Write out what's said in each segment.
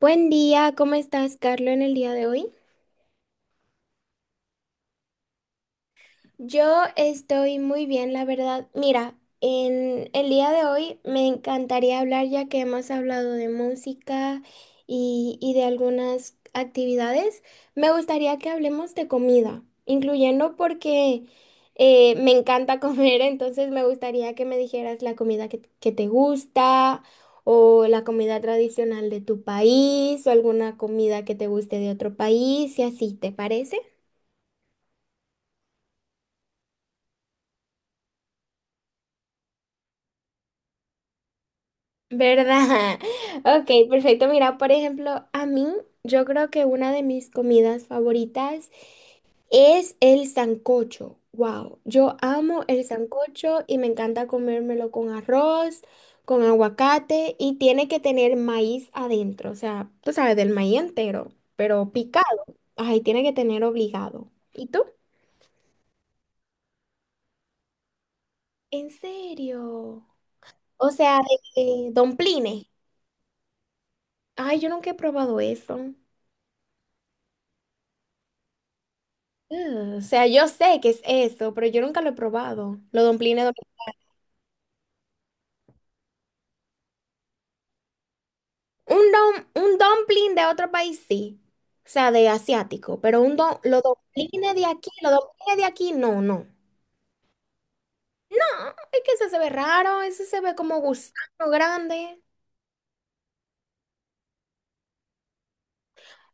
Buen día, ¿cómo estás, Carlos, en el día de hoy? Yo estoy muy bien, la verdad. Mira, en el día de hoy me encantaría hablar ya que hemos hablado de música y de algunas actividades. Me gustaría que hablemos de comida, incluyendo porque me encanta comer, entonces me gustaría que me dijeras la comida que te gusta o la comida tradicional de tu país o alguna comida que te guste de otro país y así, ¿te parece? ¿Verdad? Ok, perfecto. Mira, por ejemplo, a mí yo creo que una de mis comidas favoritas es el sancocho. Wow, yo amo el sancocho y me encanta comérmelo con arroz, con aguacate y tiene que tener maíz adentro, o sea, tú sabes, del maíz entero, pero picado. Ay, tiene que tener obligado. ¿Y tú? ¿En serio? O sea, de domplines. Ay, yo nunca he probado eso. Ah, o sea, yo sé que es eso, pero yo nunca lo he probado. Los dumplings de... Un dumpling de otro país, sí. O sea, de asiático. Pero los dumplings de aquí, los dumplings de aquí, no, no. No, es que ese se ve raro, ese se ve como gusano grande.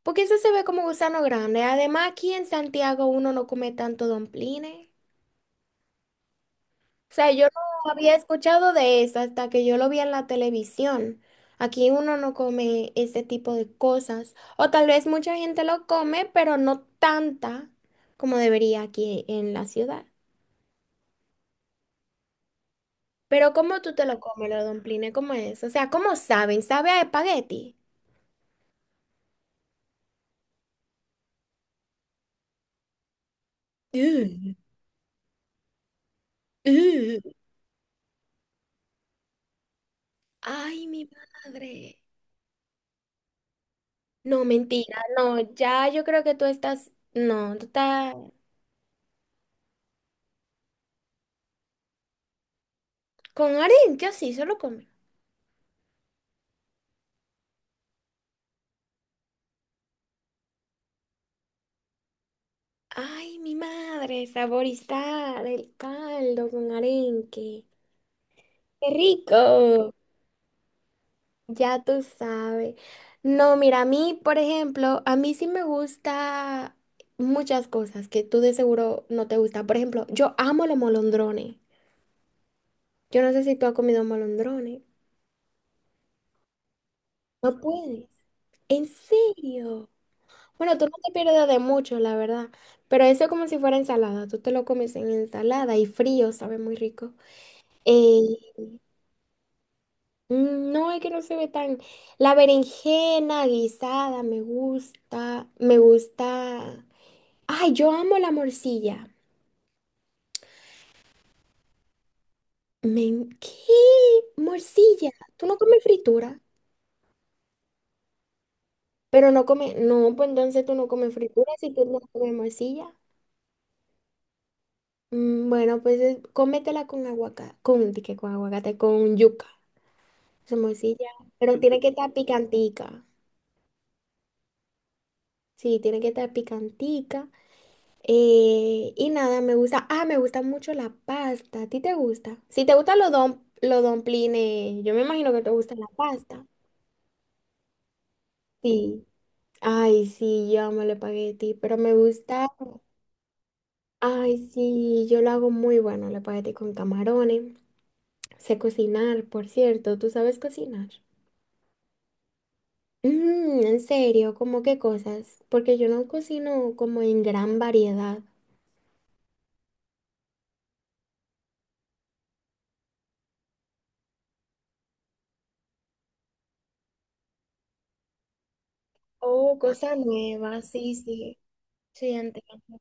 Porque ese se ve como gusano grande. Además, aquí en Santiago uno no come tanto dumplings. O sea, yo no había escuchado de eso hasta que yo lo vi en la televisión. Aquí uno no come ese tipo de cosas. O tal vez mucha gente lo come, pero no tanta como debería aquí en la ciudad. Pero ¿cómo tú te lo comes, los domplines? ¿Cómo es? O sea, ¿cómo saben? ¿Sabe a espagueti? Ugh, ugh. Ay, mi madre. No, mentira. No, ya yo creo que tú estás... No, tú estás... Con harina, yo sí, solo come. Ay, mi madre, saborizar el caldo con arenque. ¡Qué rico! Ya tú sabes. No, mira, a mí, por ejemplo, a mí sí me gusta muchas cosas que tú de seguro no te gusta. Por ejemplo, yo amo los molondrones. Yo no sé si tú has comido molondrones. No puedes. ¿En serio? Bueno, tú no te pierdes de mucho, la verdad. Pero eso es como si fuera ensalada. Tú te lo comes en ensalada y frío, sabe muy rico. Eh, Mm, no, es que no se ve tan... La berenjena guisada me gusta... Ay, yo amo la morcilla. ¿Qué? Morcilla. ¿Tú no comes fritura? Pero no comes... No, pues entonces tú no comes fritura si tú no comes morcilla. Mm, bueno, cómetela con aguacate, con, di que con aguacate, con yuca. Esa morcilla. Pero tiene que estar picantica. Sí, tiene que estar picantica. Y nada, me gusta. Ah, me gusta mucho la pasta. ¿A ti te gusta? Si te gustan los domplines, yo me imagino que te gusta la pasta. Sí. Ay, sí, yo amo el espagueti, pero me gusta. Ay, sí, yo lo hago muy bueno, el espagueti con camarones. Sé cocinar, por cierto. ¿Tú sabes cocinar? Mm, en serio, ¿cómo qué cosas? Porque yo no cocino como en gran variedad. Oh, cosa nueva, sí, sí. Sí, entiendo.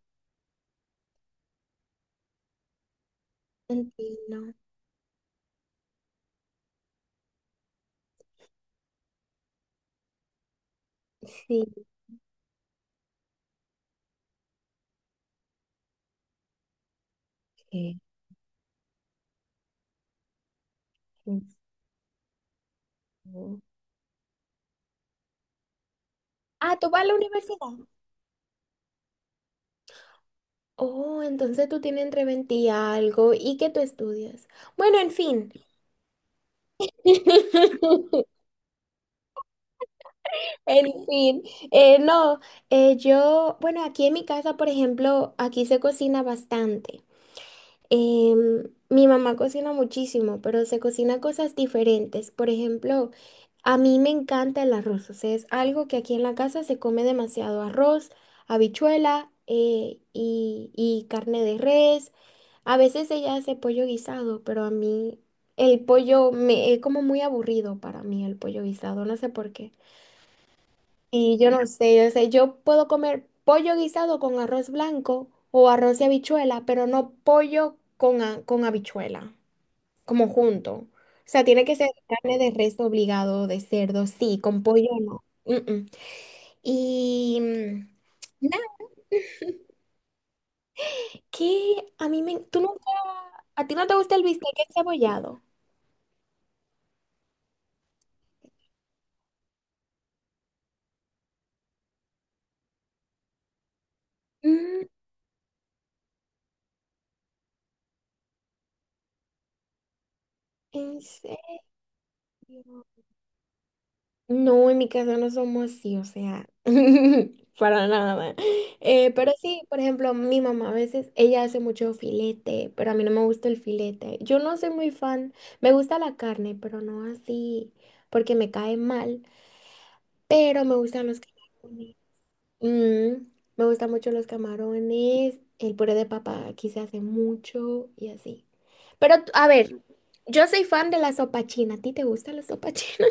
Entiendo. Sí. Sí, sí. Ah, ¿tú vas a la universidad? Oh, entonces tú tienes entre 20 y algo. ¿Y qué tú estudias? Bueno, en fin. En fin. No, yo, bueno, aquí en mi casa, por ejemplo, aquí se cocina bastante. Em, Mi mamá cocina muchísimo, pero se cocina cosas diferentes. Por ejemplo, a mí me encanta el arroz. O sea, es algo que aquí en la casa se come demasiado arroz, habichuela y carne de res. A veces ella hace pollo guisado, pero a mí el pollo me es como muy aburrido para mí el pollo guisado. No sé por qué. Y yo no sé, yo sé, yo puedo comer pollo guisado con arroz blanco o arroz y habichuela, pero no pollo con, con habichuela, como junto. O sea, tiene que ser carne de res obligado, de cerdo, sí, con pollo no. Mm, mm. Y mm, nada, que a mí me... ¿Tú nunca... ¿A ti no te gusta el bistec encebollado? Mm, ¿en serio? No, en mi casa no somos así, o sea, para nada. Pero sí, por ejemplo, mi mamá a veces, ella hace mucho filete, pero a mí no me gusta el filete. Yo no soy muy fan, me gusta la carne, pero no así, porque me cae mal, pero me gustan los camarones. Mm, me gustan mucho los camarones, el puré de papa aquí se hace mucho y así. Pero, a ver, yo soy fan de la sopa china, ¿a ti te gusta la sopa china?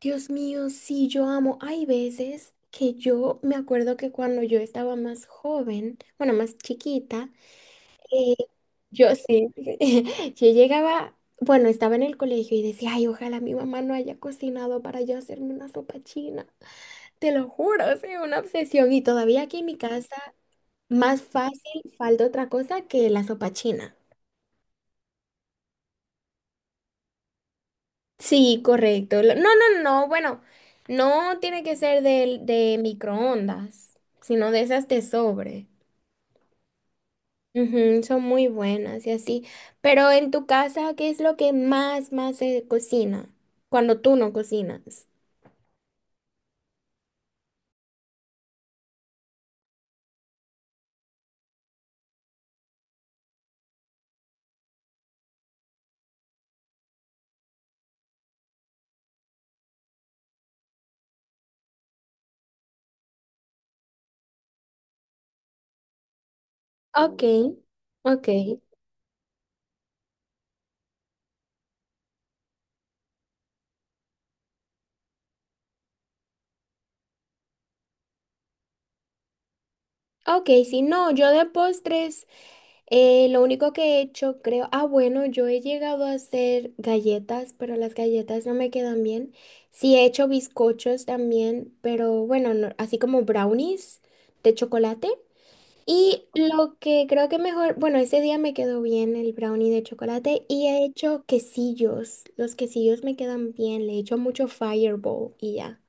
Dios mío, sí, yo amo. Hay veces que yo me acuerdo que cuando yo estaba más joven, bueno, más chiquita, eh, yo sí, yo llegaba, bueno, estaba en el colegio y decía, ay, ojalá mi mamá no haya cocinado para yo hacerme una sopa china. Te lo juro, es una obsesión. Y todavía aquí en mi casa, más fácil falta otra cosa que la sopa china. Sí, correcto. No, no, no, no, bueno, no tiene que ser de microondas, sino de esas de sobre. Ujú, son muy buenas y así. Pero en tu casa, ¿qué es lo que más se cocina cuando tú no cocinas? Ok, ok, ok, si no, yo de postres. Lo único que he hecho, creo, ah, bueno, yo he llegado a hacer galletas, pero las galletas no me quedan bien. Sí, he hecho bizcochos también, pero bueno, así como brownies de chocolate. Y lo que creo que mejor, bueno, ese día me quedó bien el brownie de chocolate y he hecho quesillos. Los quesillos me quedan bien, le he hecho mucho fireball y ya.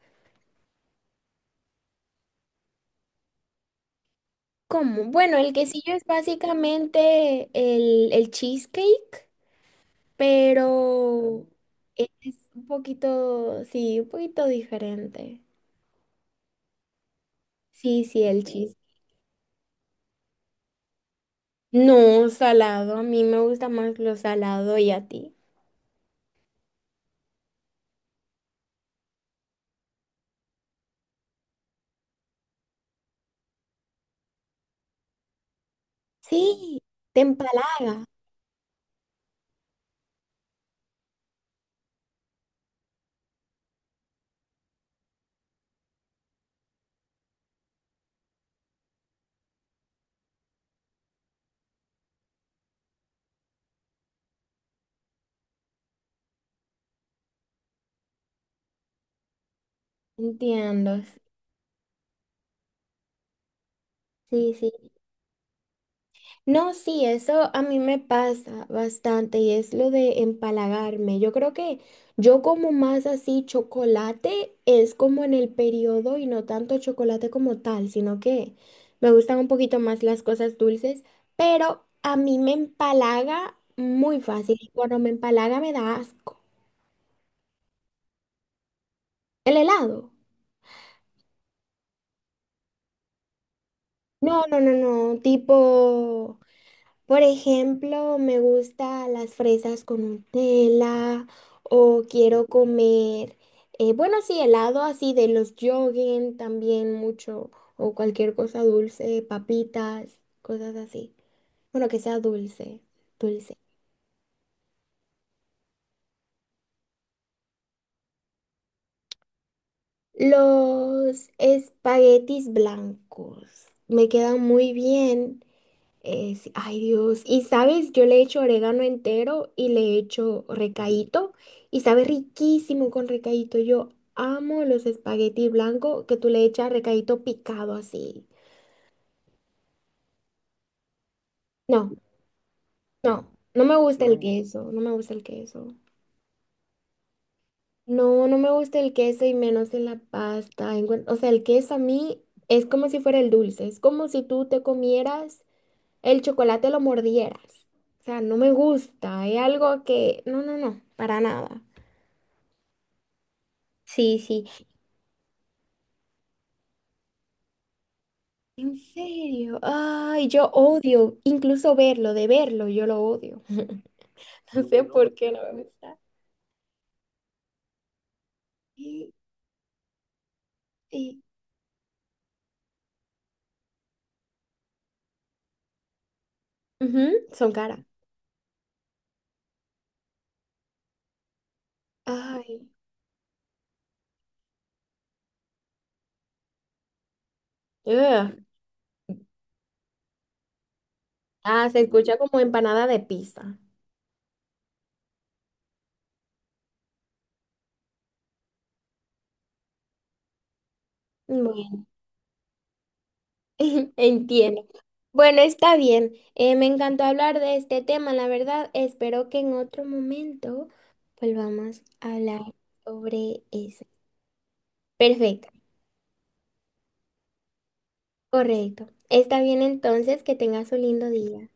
¿Cómo? Bueno, el quesillo es básicamente el cheesecake. Pero es un poquito, sí, un poquito diferente. Sí, sí, el chiste. No, salado, a mí me gusta más lo salado y a ti. Sí, te empalaga. Entiendo. Sí, sí. No, sí, eso a mí me pasa bastante y es lo de empalagarme. Yo creo que yo como más así chocolate es como en el periodo y no tanto chocolate como tal, sino que me gustan un poquito más las cosas dulces, pero a mí me empalaga muy fácil y cuando me empalaga me da asco. El helado. No, no, no, no, tipo... Por ejemplo, me gusta las fresas con Nutella o quiero comer, bueno, sí, helado así de los yoguen también mucho o cualquier cosa dulce, papitas, cosas así. Bueno, que sea dulce, dulce. Los espaguetis blancos me quedan muy bien. Sí, ay Dios, y sabes, yo le he hecho orégano entero y le he hecho recaíto y sabe riquísimo con recaíto. Yo amo los espaguetis blancos que tú le echas recaíto picado así. No, no, no me gusta el queso, no me gusta el queso. No, no me gusta el queso y menos en la pasta. O sea, el queso a mí es como si fuera el dulce, es como si tú te comieras el chocolate, lo mordieras. O sea, no me gusta, es algo que, no, no, no, para nada. Sí, sí. En serio. Ay, yo odio incluso verlo, de verlo, yo lo odio. No sé por qué no me gusta. Y, y- Ujú, son caras. Ay. Ugh. Ah, se escucha como empanada de pizza. Bueno, entiendo. Bueno, está bien. Me encantó hablar de este tema, la verdad. Espero que en otro momento volvamos a hablar sobre eso. Perfecto, correcto. Está bien entonces, que tengas un lindo día.